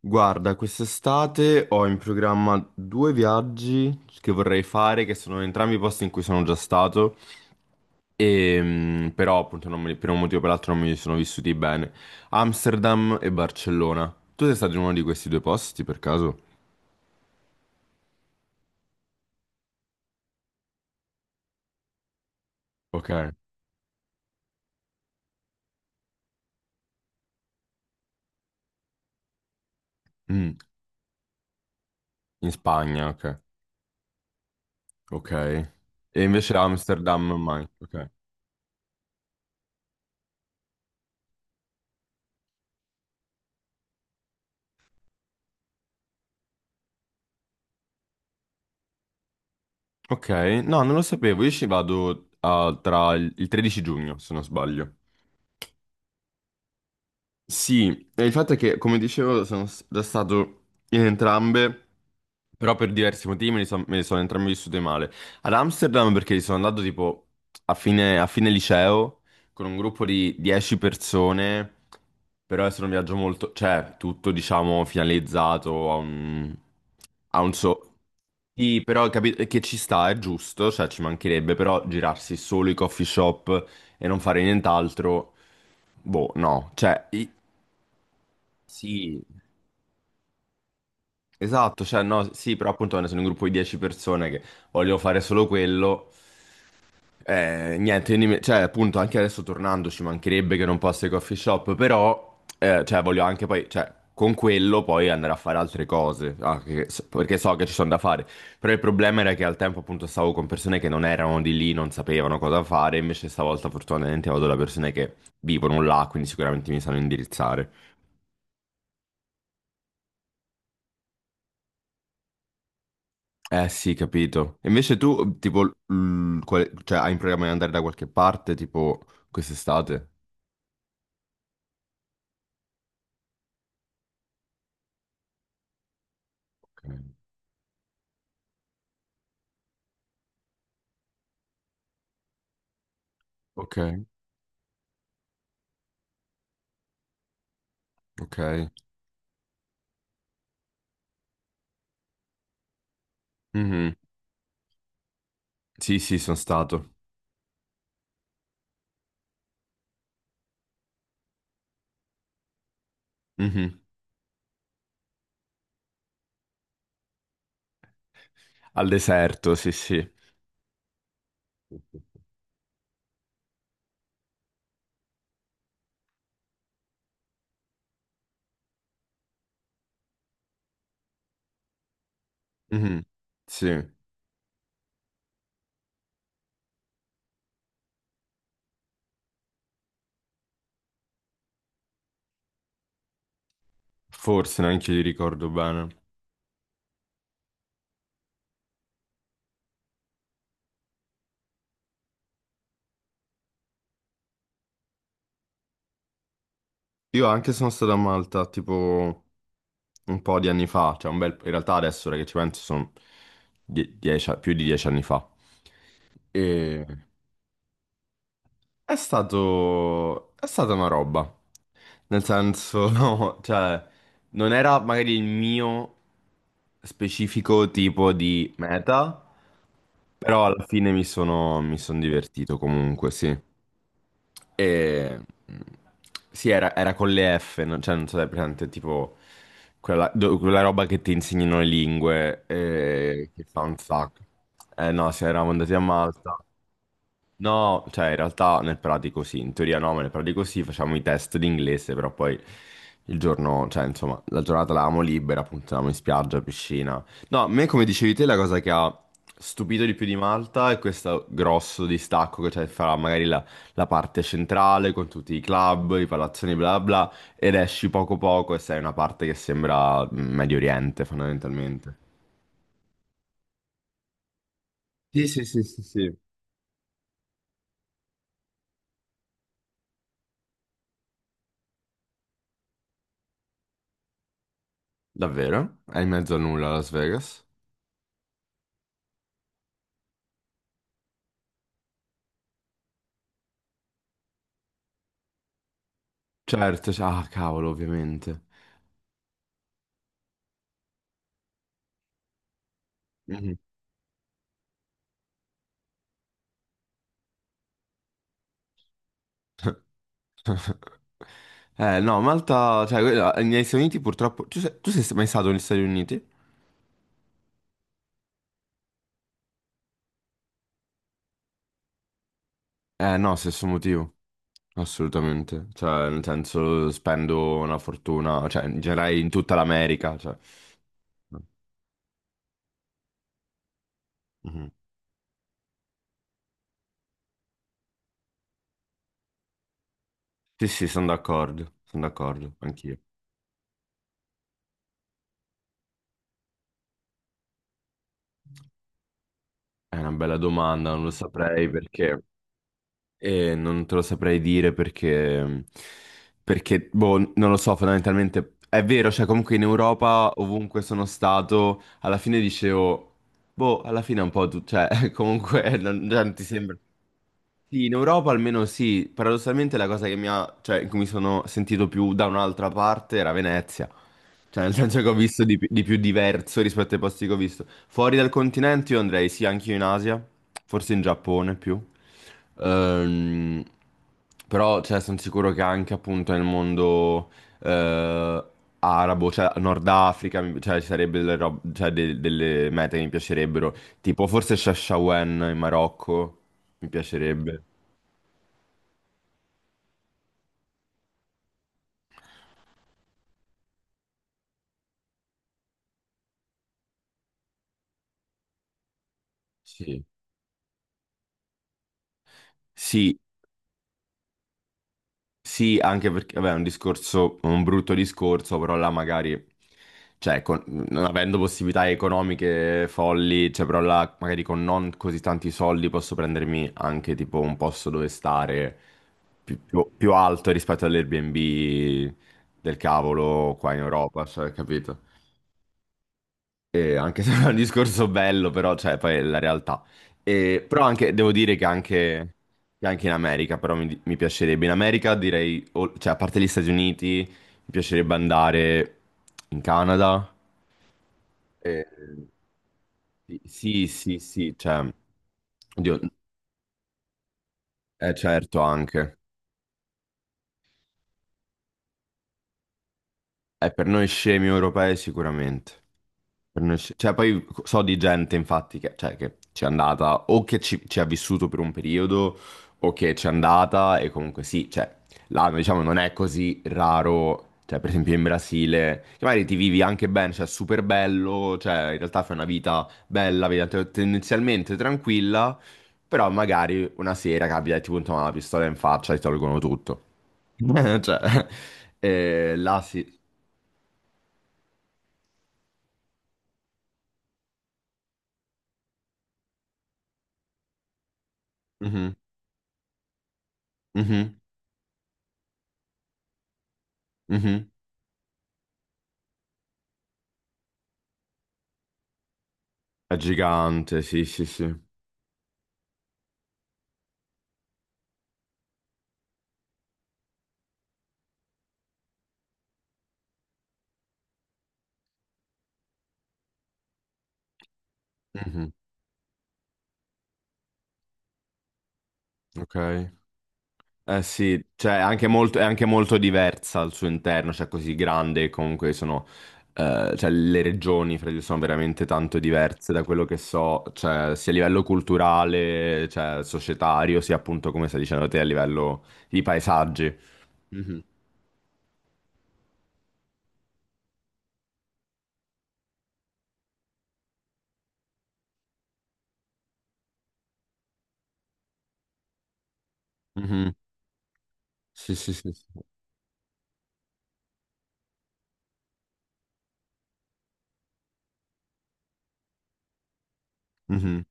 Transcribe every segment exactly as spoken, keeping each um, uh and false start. Guarda, quest'estate ho in programma due viaggi che vorrei fare, che sono entrambi posti in cui sono già stato, e, mm, però appunto non me li- per un motivo o per l'altro non mi sono vissuti bene. Amsterdam e Barcellona. Tu sei stato in uno di questi due posti per caso? Ok. Mm. In Spagna, ok. Ok. E invece Amsterdam mai. Ok. Ok, no, non lo sapevo, io ci vado ah, tra il il tredici giugno, se non sbaglio. Sì, e il fatto è che, come dicevo, sono s- stato in entrambe, però per diversi motivi me ne son- me le sono entrambe vissute male. Ad Amsterdam perché sono andato tipo a fine, a fine liceo con un gruppo di dieci persone, però è stato un viaggio molto, cioè tutto diciamo finalizzato a un, a un so... Sì, però capito che ci sta, è giusto, cioè ci mancherebbe, però girarsi solo i coffee shop e non fare nient'altro... Boh, no, cioè, i- sì, esatto, cioè no, sì, però appunto quando sono un gruppo di dieci persone che vogliono fare solo quello, eh, niente, quindi mi- cioè appunto anche adesso tornando ci mancherebbe che non posso ai coffee shop, però eh, cioè voglio anche poi, cioè con quello poi andare a fare altre cose, ah, che- perché so che ci sono da fare, però il problema era che al tempo appunto stavo con persone che non erano di lì, non sapevano cosa fare, invece stavolta fortunatamente vado da persone che vivono là, quindi sicuramente mi sanno indirizzare. Eh sì, capito. E invece tu, tipo, l- quale- cioè, hai in programma di andare da qualche parte, tipo, quest'estate? Ok, ok. Ok. Mhm. Sì, sì, sono stato. Mhm. Al deserto, sì, sì. Mhm. Sì, forse neanche io li ricordo bene. Io anche sono stato a Malta, tipo, un po' di anni fa, cioè un bel... In realtà adesso, ora che ci penso, sono die- dieci- più di dieci anni fa. E... È stato... è stata una roba. Nel senso, no, cioè, non era magari il mio specifico tipo di meta, però alla fine mi sono, mi son divertito comunque, sì. E... Sì, era, era con le F, no? Cioè, non so se è presente, tipo, quella, do- quella roba che ti insegnano le lingue, eh, che fa un sacco. Eh no, sì, eravamo andati a Malta. No, cioè in realtà nel pratico sì, in teoria no, ma nel pratico sì, facciamo i test d'inglese, però poi il giorno, cioè insomma, la giornata l'avevamo libera, appunto, andavamo in spiaggia, piscina. No, a me come dicevi te la cosa che ha stupito di più di Malta è questo grosso distacco che c'è fra magari la, la parte centrale con tutti i club, i palazzoni, bla bla, ed esci poco poco e sei in una parte che sembra mm, Medio Oriente fondamentalmente. Sì, sì, sì, sì, sì. Davvero? È in mezzo a nulla Las Vegas? Certo, cioè- ah cavolo, ovviamente. Mhm. Eh no, Malta, cioè, quella- negli Stati Uniti purtroppo... Tu sei, tu sei mai stato negli Stati Uniti? Eh no, stesso motivo, assolutamente. Cioè, nel senso, spendo una fortuna, cioè, in generale in tutta l'America, cioè... Mhm. Sì, sì, sono d'accordo, sono d'accordo, anch'io. È una bella domanda, non lo saprei perché... E non te lo saprei dire perché, mm, perché, boh, non lo so, fondamentalmente è vero, cioè comunque in Europa, ovunque sono stato, alla fine dicevo, boh, alla fine è un po' tu, cioè comunque non, cioè, non ti sembra. Sì, in Europa almeno sì, paradossalmente la cosa che mi ha, cioè, in cui mi sono sentito più da un'altra parte era Venezia, cioè nel senso che ho visto di, pi- di più diverso rispetto ai posti che ho visto. Fuori dal continente io andrei sì anch'io in Asia, forse in Giappone più, Ehm, però cioè, sono sicuro che anche appunto nel mondo eh, arabo, cioè Nord Africa, mi- cioè, ci sarebbero delle, rob- cioè, de- delle mete che mi piacerebbero, tipo forse Chefchaouen in Marocco. Mi piacerebbe. Sì. Sì, sì, anche perché, vabbè, è un discorso, un brutto discorso, però là magari, cioè, con- non avendo possibilità economiche folli, cioè, però là magari con non così tanti soldi posso prendermi anche tipo un posto dove stare più, più- più alto rispetto all'Airbnb del cavolo qua in Europa, cioè, capito? E anche se è un discorso bello, però, cioè, poi è la realtà. E- però anche, devo dire che anche, che anche in America, però mi, mi piacerebbe. In America direi, o- cioè, a parte gli Stati Uniti, mi piacerebbe andare in Canada. E- sì, sì, sì, sì, cioè, oddio, eh, certo anche. Eh, per noi scemi europei sicuramente. Per noi sce- cioè, poi so di gente, infatti, che, cioè, che ci è andata o che ci, ci ha vissuto per un periodo o che ci è andata e comunque sì, cioè, là, diciamo, non è così raro, cioè, per esempio in Brasile, che magari ti vivi anche bene, cioè, super bello, cioè, in realtà fai una vita bella, vita te- tendenzialmente tranquilla, però magari una sera capita e ti puntano una pistola in faccia e ti tolgono tutto. Cioè, eh, là sì. Mhm, mhm, mhm. È gigante, sì, sì, sì. Mhm. Ok. Eh sì, cioè è anche molto, è anche molto diversa al suo interno, cioè così grande, comunque sono, eh, cioè le regioni fra di loro sono veramente tanto diverse da quello che so, cioè sia a livello culturale, cioè societario, sia appunto come stai dicendo te a livello di paesaggi. Mhm, mhm. Sì, sì, sì, sì. Mhm.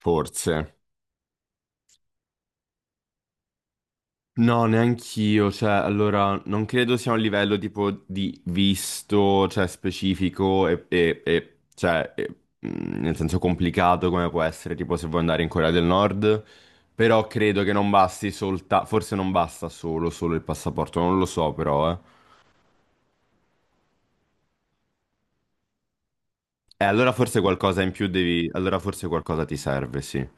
Forse. No, neanch'io, cioè, allora, non credo sia un livello tipo di visto, cioè, specifico e, e- e, cioè, e, mm, nel senso complicato come può essere, tipo, se vuoi andare in Corea del Nord, però credo che non basti soltanto, forse non basta solo, solo il passaporto, non lo so però, eh. E allora forse qualcosa in più devi, allora forse qualcosa ti serve, sì.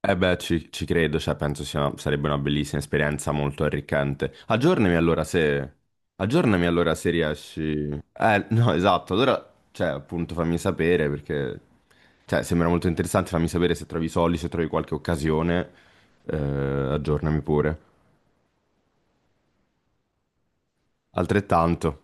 Eh beh, ci, ci credo, cioè penso sia, sarebbe una bellissima esperienza molto arricchente. Aggiornami allora se... Aggiornami allora se riesci... Eh, no, esatto, allora, cioè, appunto fammi sapere perché... Cioè, sembra molto interessante, fammi sapere se trovi i soldi, se trovi qualche occasione, eh, aggiornami pure. Altrettanto.